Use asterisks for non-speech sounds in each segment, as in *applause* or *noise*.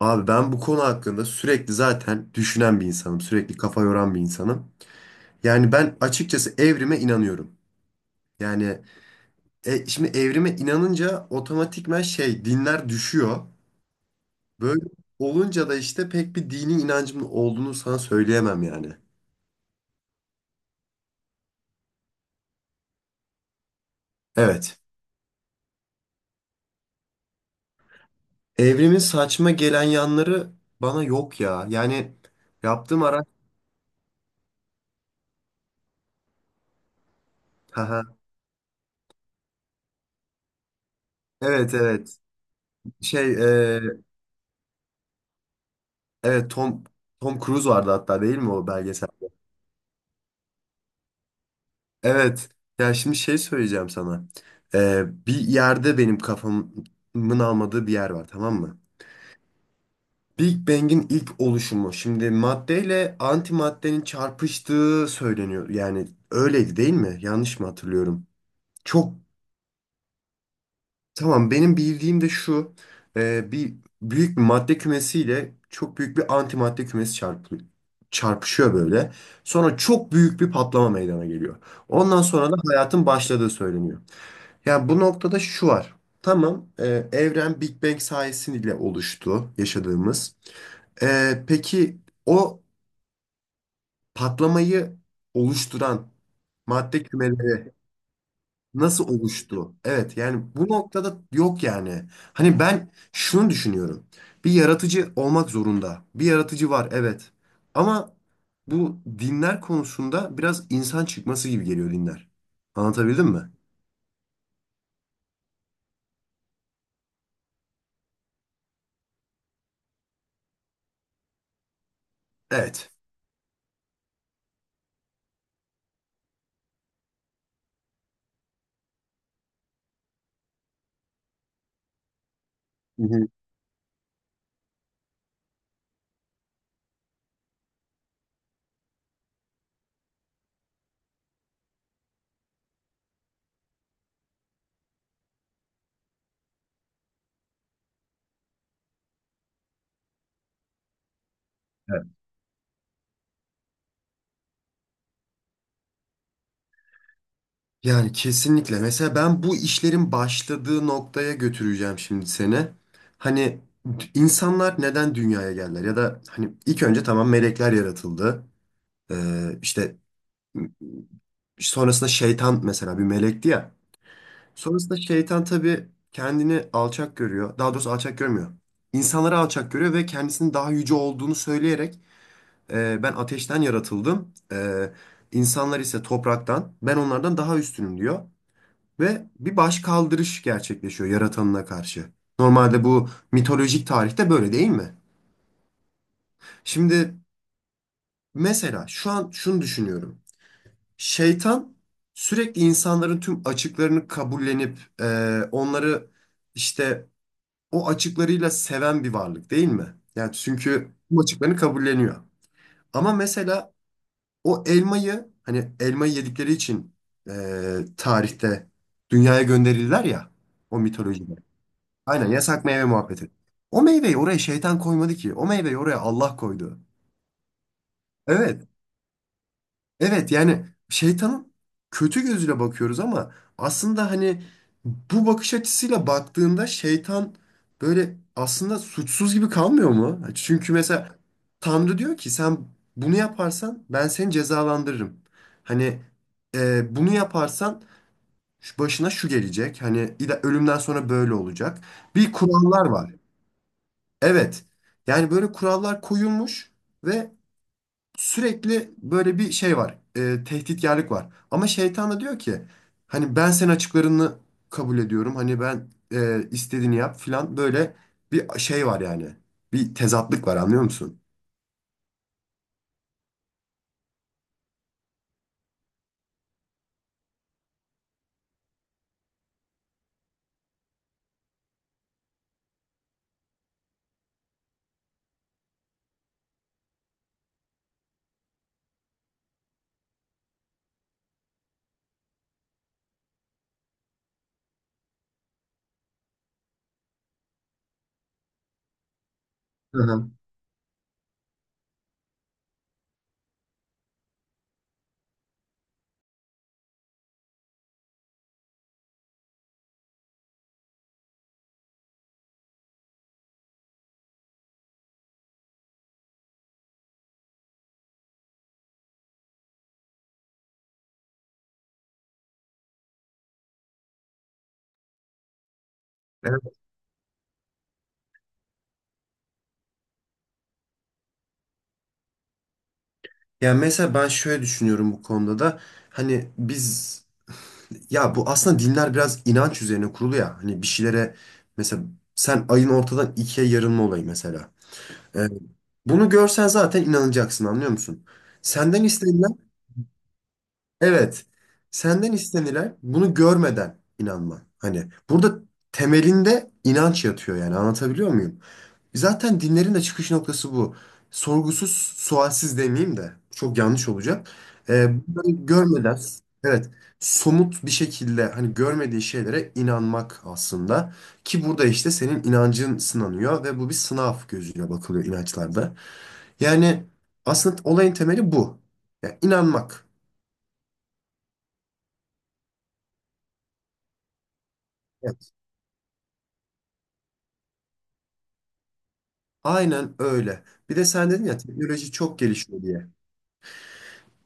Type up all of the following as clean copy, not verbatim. Abi ben bu konu hakkında sürekli zaten düşünen bir insanım. Sürekli kafa yoran bir insanım. Yani ben açıkçası evrime inanıyorum. Yani şimdi evrime inanınca otomatikman şey dinler düşüyor. Böyle olunca da işte pek bir dini inancımın olduğunu sana söyleyemem yani. Evet. Evrimin saçma gelen yanları bana yok ya. Yani yaptığım ara... Haha. Evet, evet. Şey e, evet, Tom Cruise vardı hatta değil mi o belgesel? Evet. Ya şimdi şey söyleyeceğim sana. Bir yerde benim kafamın almadığı bir yer var, tamam mı? Big Bang'in ilk oluşumu. Şimdi maddeyle antimaddenin çarpıştığı söyleniyor. Yani öyleydi değil mi? Yanlış mı hatırlıyorum? Çok tamam, benim bildiğim de şu. Bir büyük bir madde kümesiyle çok büyük bir antimadde kümesi çarpışıyor böyle. Sonra çok büyük bir patlama meydana geliyor. Ondan sonra da hayatın başladığı söyleniyor. Ya bu noktada şu var. Tamam, evren Big Bang sayesiyle oluştu yaşadığımız. Peki o patlamayı oluşturan madde kümeleri nasıl oluştu? Evet, yani bu noktada yok yani. Hani ben şunu düşünüyorum. Bir yaratıcı olmak zorunda. Bir yaratıcı var, evet. Ama bu dinler konusunda biraz insan çıkması gibi geliyor dinler. Anlatabildim mi? Evet. Hı hı. Yani kesinlikle. Mesela ben bu işlerin başladığı noktaya götüreceğim şimdi seni. Hani insanlar neden dünyaya geldiler? Ya da hani ilk önce tamam melekler yaratıldı. İşte sonrasında şeytan mesela bir melekti ya. Sonrasında şeytan tabii kendini alçak görüyor. Daha doğrusu alçak görmüyor. İnsanları alçak görüyor ve kendisinin daha yüce olduğunu söyleyerek ben ateşten yaratıldım. İnsanlar ise topraktan. Ben onlardan daha üstünüm" diyor ve bir başkaldırış gerçekleşiyor yaratanına karşı. Normalde bu mitolojik tarihte böyle değil mi? Şimdi mesela şu an şunu düşünüyorum. Şeytan sürekli insanların tüm açıklarını kabullenip onları işte o açıklarıyla seven bir varlık değil mi? Yani çünkü bu açıklarını kabulleniyor. Ama mesela o elmayı hani elmayı yedikleri için tarihte dünyaya gönderirler ya o mitolojide. Aynen yasak meyve muhabbeti. O meyveyi oraya şeytan koymadı ki. O meyveyi oraya Allah koydu. Evet. Evet yani şeytanın kötü gözüyle bakıyoruz ama aslında hani bu bakış açısıyla baktığında şeytan böyle aslında suçsuz gibi kalmıyor mu? Çünkü mesela Tanrı diyor ki sen bunu yaparsan ben seni cezalandırırım. Hani bunu yaparsan şu başına şu gelecek. Hani ölümden sonra böyle olacak. Bir kurallar var. Evet. Yani böyle kurallar koyulmuş ve sürekli böyle bir şey var. Tehditkarlık var. Ama şeytan da diyor ki hani ben senin açıklarını kabul ediyorum. Hani ben istediğini yap filan böyle bir şey var yani. Bir tezatlık var anlıyor musun? Hı hı. Evet. Yani mesela ben şöyle düşünüyorum bu konuda da hani biz ya bu aslında dinler biraz inanç üzerine kurulu ya hani bir şeylere mesela sen ayın ortadan ikiye yarılma olayı mesela. Ee, bunu görsen zaten inanacaksın anlıyor musun? Senden istenilen evet senden istenilen bunu görmeden inanman. Hani burada temelinde inanç yatıyor yani anlatabiliyor muyum? Zaten dinlerin de çıkış noktası bu. Sorgusuz sualsiz demeyeyim de çok yanlış olacak. Bunları görmeden evet somut bir şekilde hani görmediği şeylere inanmak aslında. Ki burada işte senin inancın sınanıyor ve bu bir sınav gözüyle bakılıyor inançlarda. Yani aslında olayın temeli bu. Yani inanmak. Evet. Aynen öyle. Bir de sen dedin ya teknoloji çok gelişiyor diye.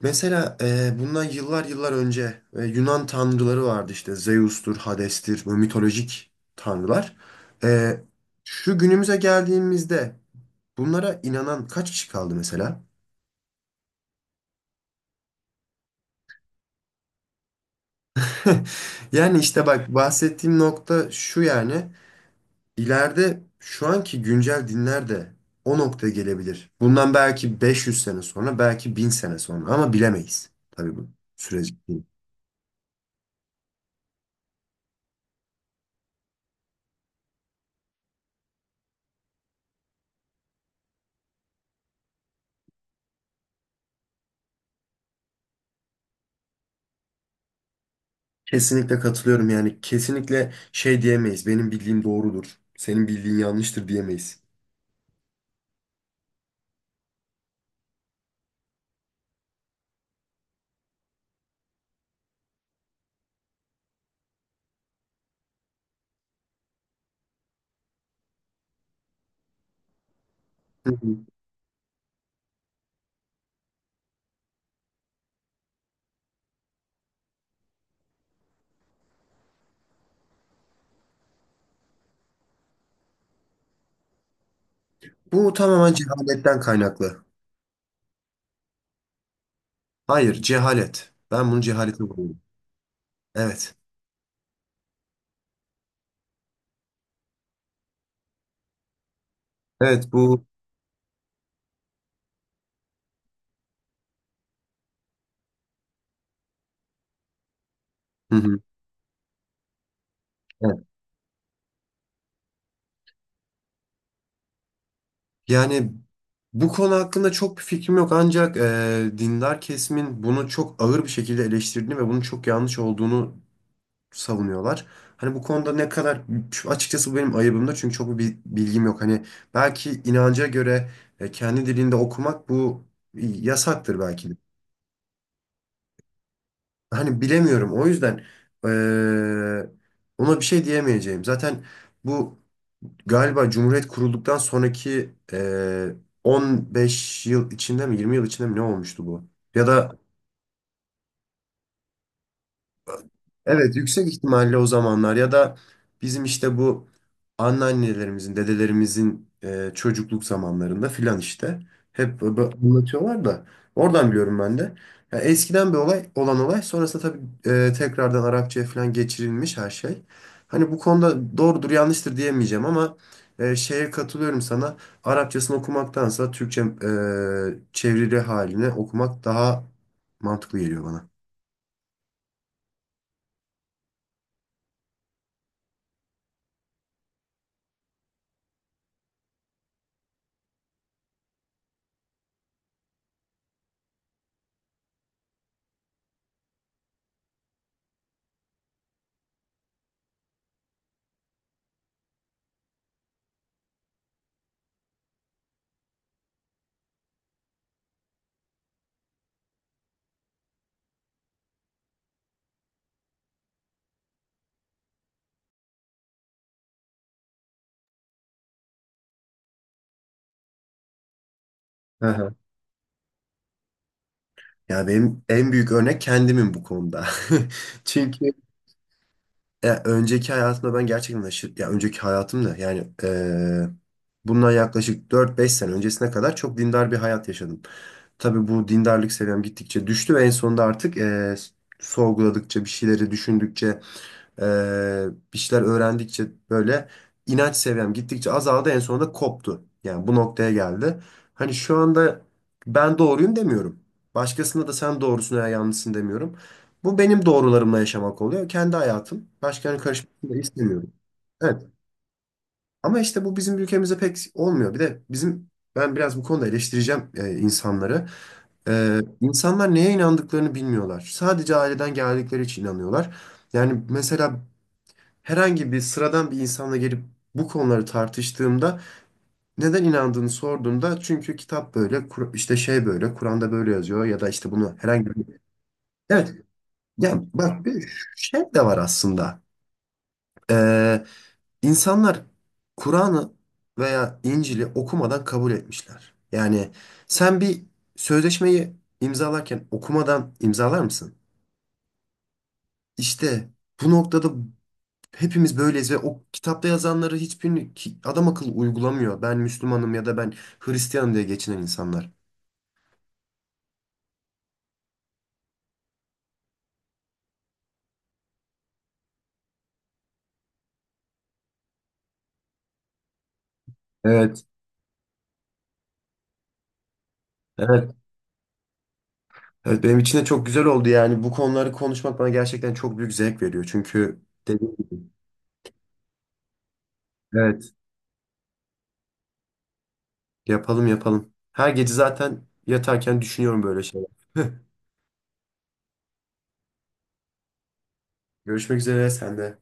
Mesela bundan yıllar yıllar önce Yunan tanrıları vardı işte Zeus'tur, Hades'tir, bu mitolojik tanrılar. E, şu günümüze geldiğimizde bunlara inanan kaç kişi kaldı mesela? *laughs* Yani işte bak bahsettiğim nokta şu yani İleride şu anki güncel dinler de o noktaya gelebilir. Bundan belki 500 sene sonra, belki 1000 sene sonra ama bilemeyiz. Tabii bu süreci. Kesinlikle katılıyorum yani kesinlikle şey diyemeyiz. Benim bildiğim doğrudur. Senin bildiğin yanlıştır diyemeyiz. Hı hı. Bu tamamen cehaletten kaynaklı. Hayır, cehalet. Ben bunu cehalete buluyorum. Evet. Evet bu. Hı hı. Yani bu konu hakkında çok bir fikrim yok, ancak dindar kesimin bunu çok ağır bir şekilde eleştirdiğini ve bunun çok yanlış olduğunu savunuyorlar. Hani bu konuda ne kadar açıkçası bu benim ayıbımda çünkü çok bir bilgim yok. Hani belki inanca göre kendi dilinde okumak bu yasaktır belki de. Hani bilemiyorum. O yüzden eee, ona bir şey diyemeyeceğim. Zaten bu galiba Cumhuriyet kurulduktan sonraki 15 yıl içinde mi 20 yıl içinde mi ne olmuştu bu? Ya da evet, yüksek ihtimalle o zamanlar ya da bizim işte bu anneannelerimizin, dedelerimizin çocukluk zamanlarında filan işte hep anlatıyorlar da oradan biliyorum ben de. Ya eskiden bir olay olan olay sonrasında tabii tekrardan Arapçaya falan geçirilmiş her şey. Hani bu konuda doğrudur yanlıştır diyemeyeceğim ama şeye katılıyorum sana. Arapçasını okumaktansa Türkçe çevrili halini okumak daha mantıklı geliyor bana. Ya benim en büyük örnek kendimim bu konuda. *laughs* Çünkü ya önceki hayatımda ben gerçekten aşırı, ya önceki hayatımda yani bundan yaklaşık 4-5 sene öncesine kadar çok dindar bir hayat yaşadım. Tabii bu dindarlık seviyem gittikçe düştü ve en sonunda artık sorguladıkça, bir şeyleri düşündükçe, ee, bir şeyler öğrendikçe böyle inanç seviyem gittikçe azaldı, en sonunda koptu. Yani bu noktaya geldi. Hani şu anda ben doğruyum demiyorum. Başkasına da sen doğrusun veya yanlışsın demiyorum. Bu benim doğrularımla yaşamak oluyor. Kendi hayatım. Başkalarının karışmasını da istemiyorum. Evet. Ama işte bu bizim ülkemizde pek olmuyor. Bir de bizim ben biraz bu konuda eleştireceğim insanları. İnsanlar neye inandıklarını bilmiyorlar. Sadece aileden geldikleri için inanıyorlar. Yani mesela herhangi bir sıradan bir insanla gelip bu konuları tartıştığımda neden inandığını sorduğumda çünkü kitap böyle işte şey böyle Kur'an'da böyle yazıyor ya da işte bunu herhangi bir evet ya bak bir şey de var aslında. Ee, insanlar Kur'an'ı veya İncil'i okumadan kabul etmişler. Yani sen bir sözleşmeyi imzalarken okumadan imzalar mısın? İşte bu noktada hepimiz böyleyiz ve o kitapta yazanları hiçbirini adam akıllı uygulamıyor. Ben Müslümanım ya da ben Hristiyanım diye geçinen insanlar. Evet, evet. Evet, benim için de çok güzel oldu yani bu konuları konuşmak bana gerçekten çok büyük zevk veriyor. Çünkü dediğim gibi evet. Yapalım, yapalım. Her gece zaten yatarken düşünüyorum böyle şeyler. *laughs* Görüşmek üzere sen de.